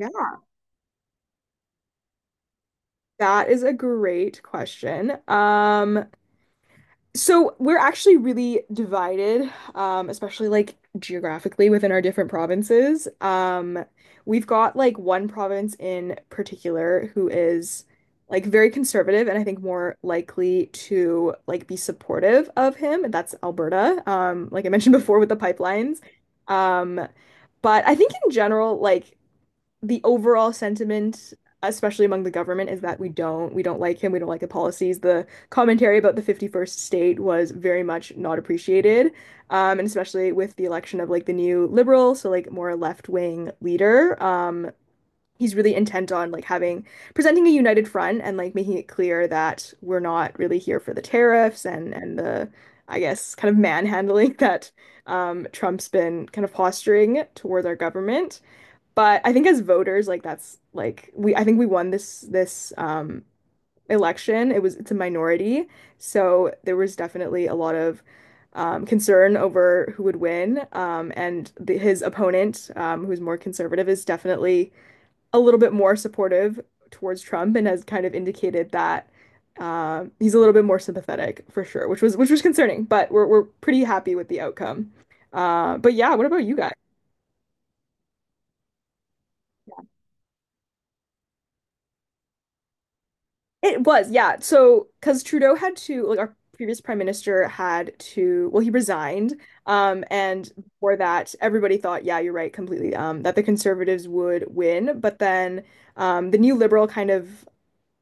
Yeah, that is a great question. So we're actually really divided, especially like geographically within our different provinces. We've got like one province in particular who is like very conservative and I think more likely to like be supportive of him, and that's Alberta. Like I mentioned before with the pipelines. Um, but I think in general, like the overall sentiment, especially among the government, is that we don't like him. We don't like the policies. The commentary about the 51st state was very much not appreciated, and especially with the election of like the new liberal, so like more left-wing leader. He's really intent on like having presenting a united front and like making it clear that we're not really here for the tariffs and the I guess kind of manhandling that Trump's been kind of posturing towards our government. But I think as voters, like that's like we I think we won this election. It was it's a minority. So there was definitely a lot of concern over who would win. And his opponent, who's more conservative, is definitely a little bit more supportive towards Trump and has kind of indicated that he's a little bit more sympathetic for sure, which was concerning, but we're pretty happy with the outcome. But yeah, what about you guys? It was, yeah. So, because Trudeau had to, like, our previous prime minister had to, well, he resigned. And before that, everybody thought, yeah, you're right, completely, that the Conservatives would win. But then, the new Liberal kind of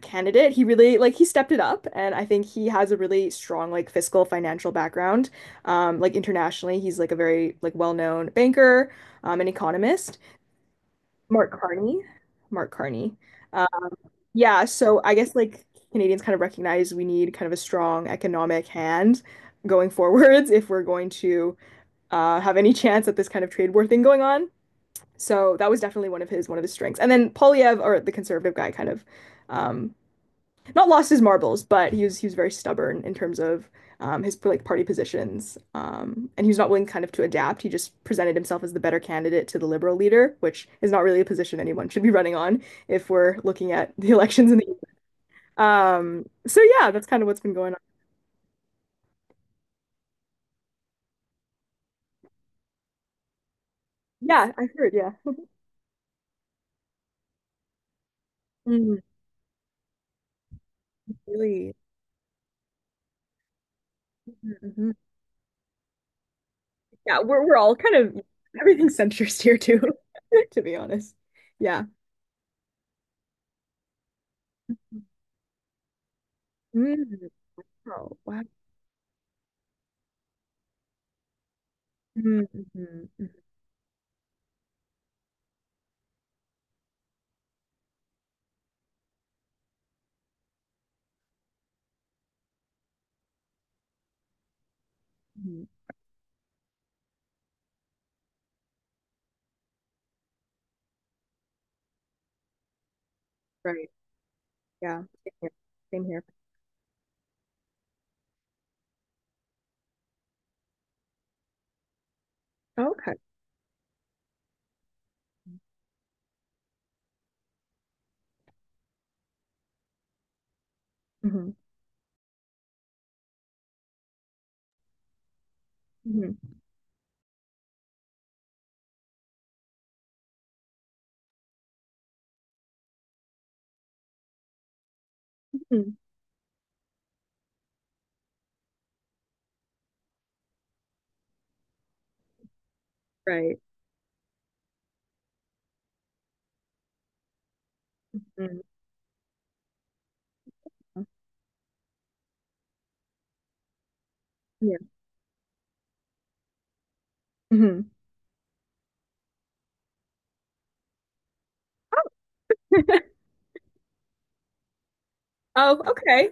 candidate, he really, like, he stepped it up. And I think he has a really strong, like, fiscal financial background. Like, internationally, he's, like, a very, like, well-known banker, an economist. Mark Carney. Mark Carney. Yeah, so I guess like Canadians kind of recognize we need kind of a strong economic hand going forwards if we're going to have any chance at this kind of trade war thing going on. So that was definitely one of his strengths. And then Polyev, or the conservative guy, kind of um, not lost his marbles, but he was very stubborn in terms of his like party positions, and he was not willing kind of to adapt. He just presented himself as the better candidate to the liberal leader, which is not really a position anyone should be running on if we're looking at the elections in the. So yeah, that's kind of what's been going on. Yeah, I heard, yeah. Mm, really. Mhm. Yeah, we're all kind of everything's centrist here too, to be honest. Yeah. Mm. Oh, wow. Mm, mhm, mhm, mhm. Right. Yeah. Same here. Same here. Oh, okay. Hmm. Hmm. Hmm. Right. Mm. Yeah. Hmm. Oh, okay.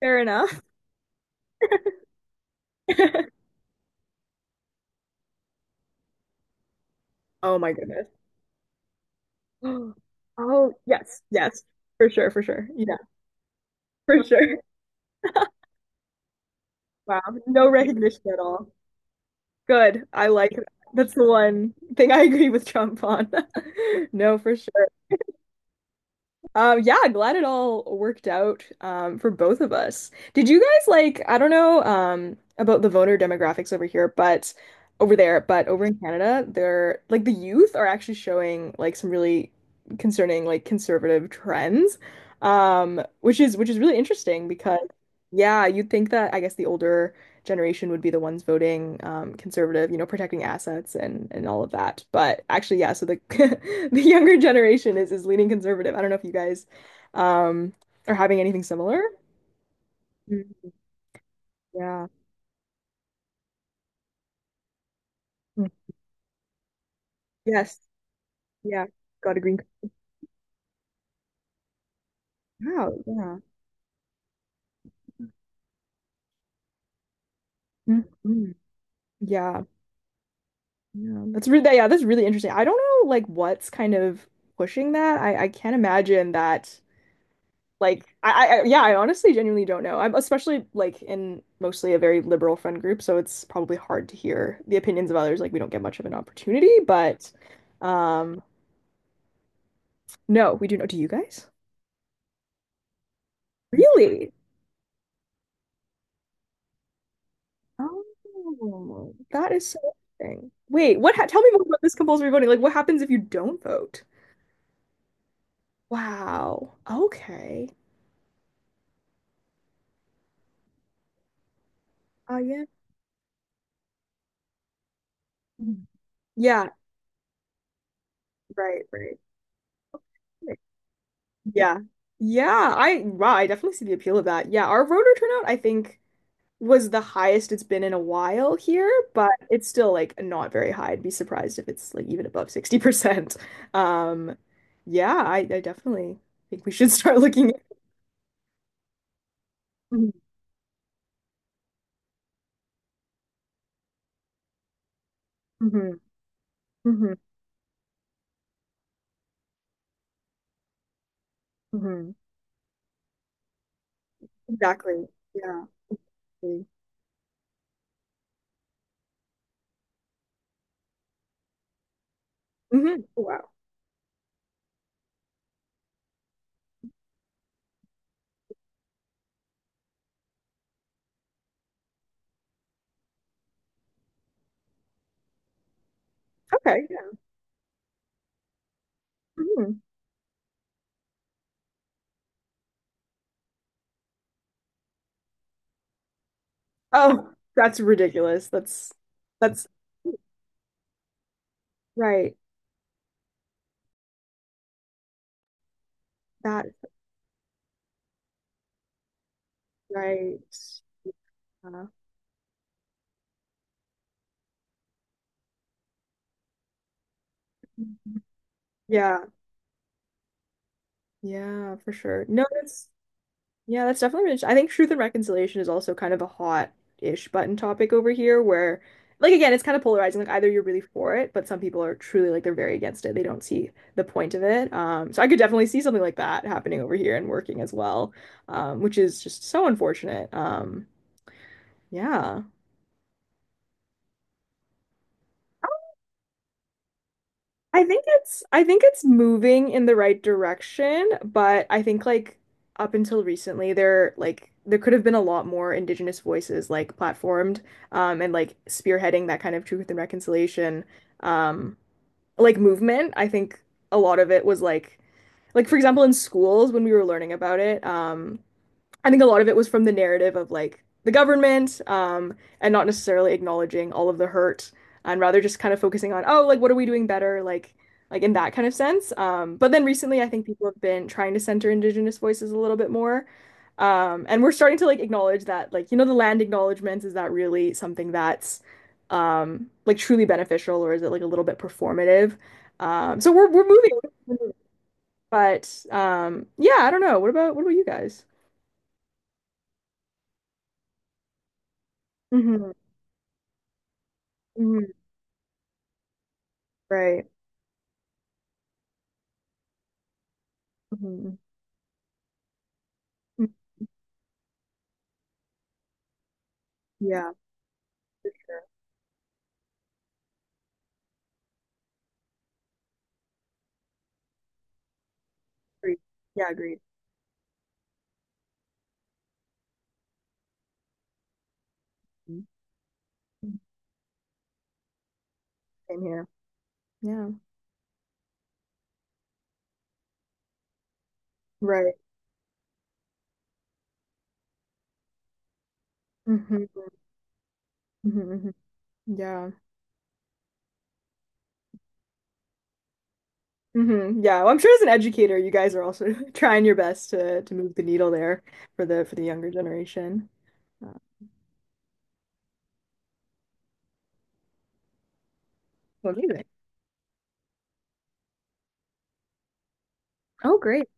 Fair enough. Oh my goodness. Oh, yes, yes. For sure, for sure. Yeah, for sure. Wow, no recognition at all. Good. I like that. That's the one thing I agree with Trump on. No, for sure. Yeah, glad it all worked out for both of us. Did you guys like, I don't know about the voter demographics over there, but over in Canada, they're like the youth are actually showing like some really concerning like conservative trends, which is really interesting because yeah, you'd think that I guess the older generation would be the ones voting conservative, you know, protecting assets and all of that. But actually, yeah, so the the younger generation is leaning conservative. I don't know if you guys um are having anything similar. Mm, yeah. Mm. Yes. Yeah. Got a green card. Wow. Yeah. Mhm. Yeah. Yeah. That's really yeah, that's really interesting. I don't know like what's kind of pushing that. I can't imagine that Like I, I yeah, I honestly genuinely don't know. I'm especially like in mostly a very liberal friend group, so it's probably hard to hear the opinions of others. Like we don't get much of an opportunity, but um no, we do know. Do you guys? Really? Oh, that is so interesting. Wait, what ha tell me more about this compulsory voting. Like what happens if you don't vote? Wow. Okay. Oh yeah. Mhm. Yeah, right. Right. Yeah. Yeah, I wow, I definitely see the appeal of that. Yeah, our voter turnout, I think was the highest it's been in a while here, but it's still like not very high. I'd be surprised if it's like even above 60%. Um, yeah, I definitely think we should start looking at. Mhm, mhm, mhm, mhm. Exactly. Yeah. Mm. Mhm. Wow. Okay. Yeah. Mhm. Oh, that's ridiculous. That's right. That right. Yeah. Mhm. Yeah, yeah, for sure. No, that's yeah, that's definitely really, I think truth and reconciliation is also kind of a hot-ish button topic over here where like again, it's kind of polarizing. Like either you're really for it, but some people are truly like they're very against it. They don't see the point of it. So I could definitely see something like that happening over here and working as well, which is just so unfortunate. Yeah. I think it's moving in the right direction, but I think like up until recently there like there could have been a lot more Indigenous voices like platformed and like spearheading that kind of truth and reconciliation um like movement. I think a lot of it was like for example in schools when we were learning about it I think a lot of it was from the narrative of like the government, and not necessarily acknowledging all of the hurt and rather just kind of focusing on, oh, like what are we doing better? Like in that kind of sense. But then recently I think people have been trying to center Indigenous voices a little bit more. And we're starting to like acknowledge that like, you know, the land acknowledgements, is that really something that's like truly beneficial or is it like a little bit performative? So we're moving, but yeah, I don't know. What about you guys? Hmm. Right. Hmm. Yeah, agreed. Yeah, agreed. Mhm. Same here. Yeah. Right. Hmm. Hmm. Yeah. Hmm. Yeah. Well, I'm sure as an educator, you guys are also trying your best to move the needle there for the younger generation. Uh, well, amazing. Oh, great.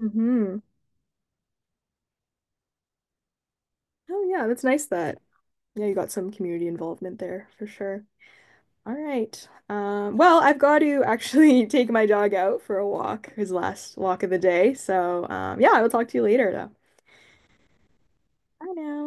Hmm. Oh, yeah. That's nice that yeah you got some community involvement there for sure. All right. Well, I've got to actually take my dog out for a walk, his last walk of the day. So, yeah, I will talk to you later, though. Bye now.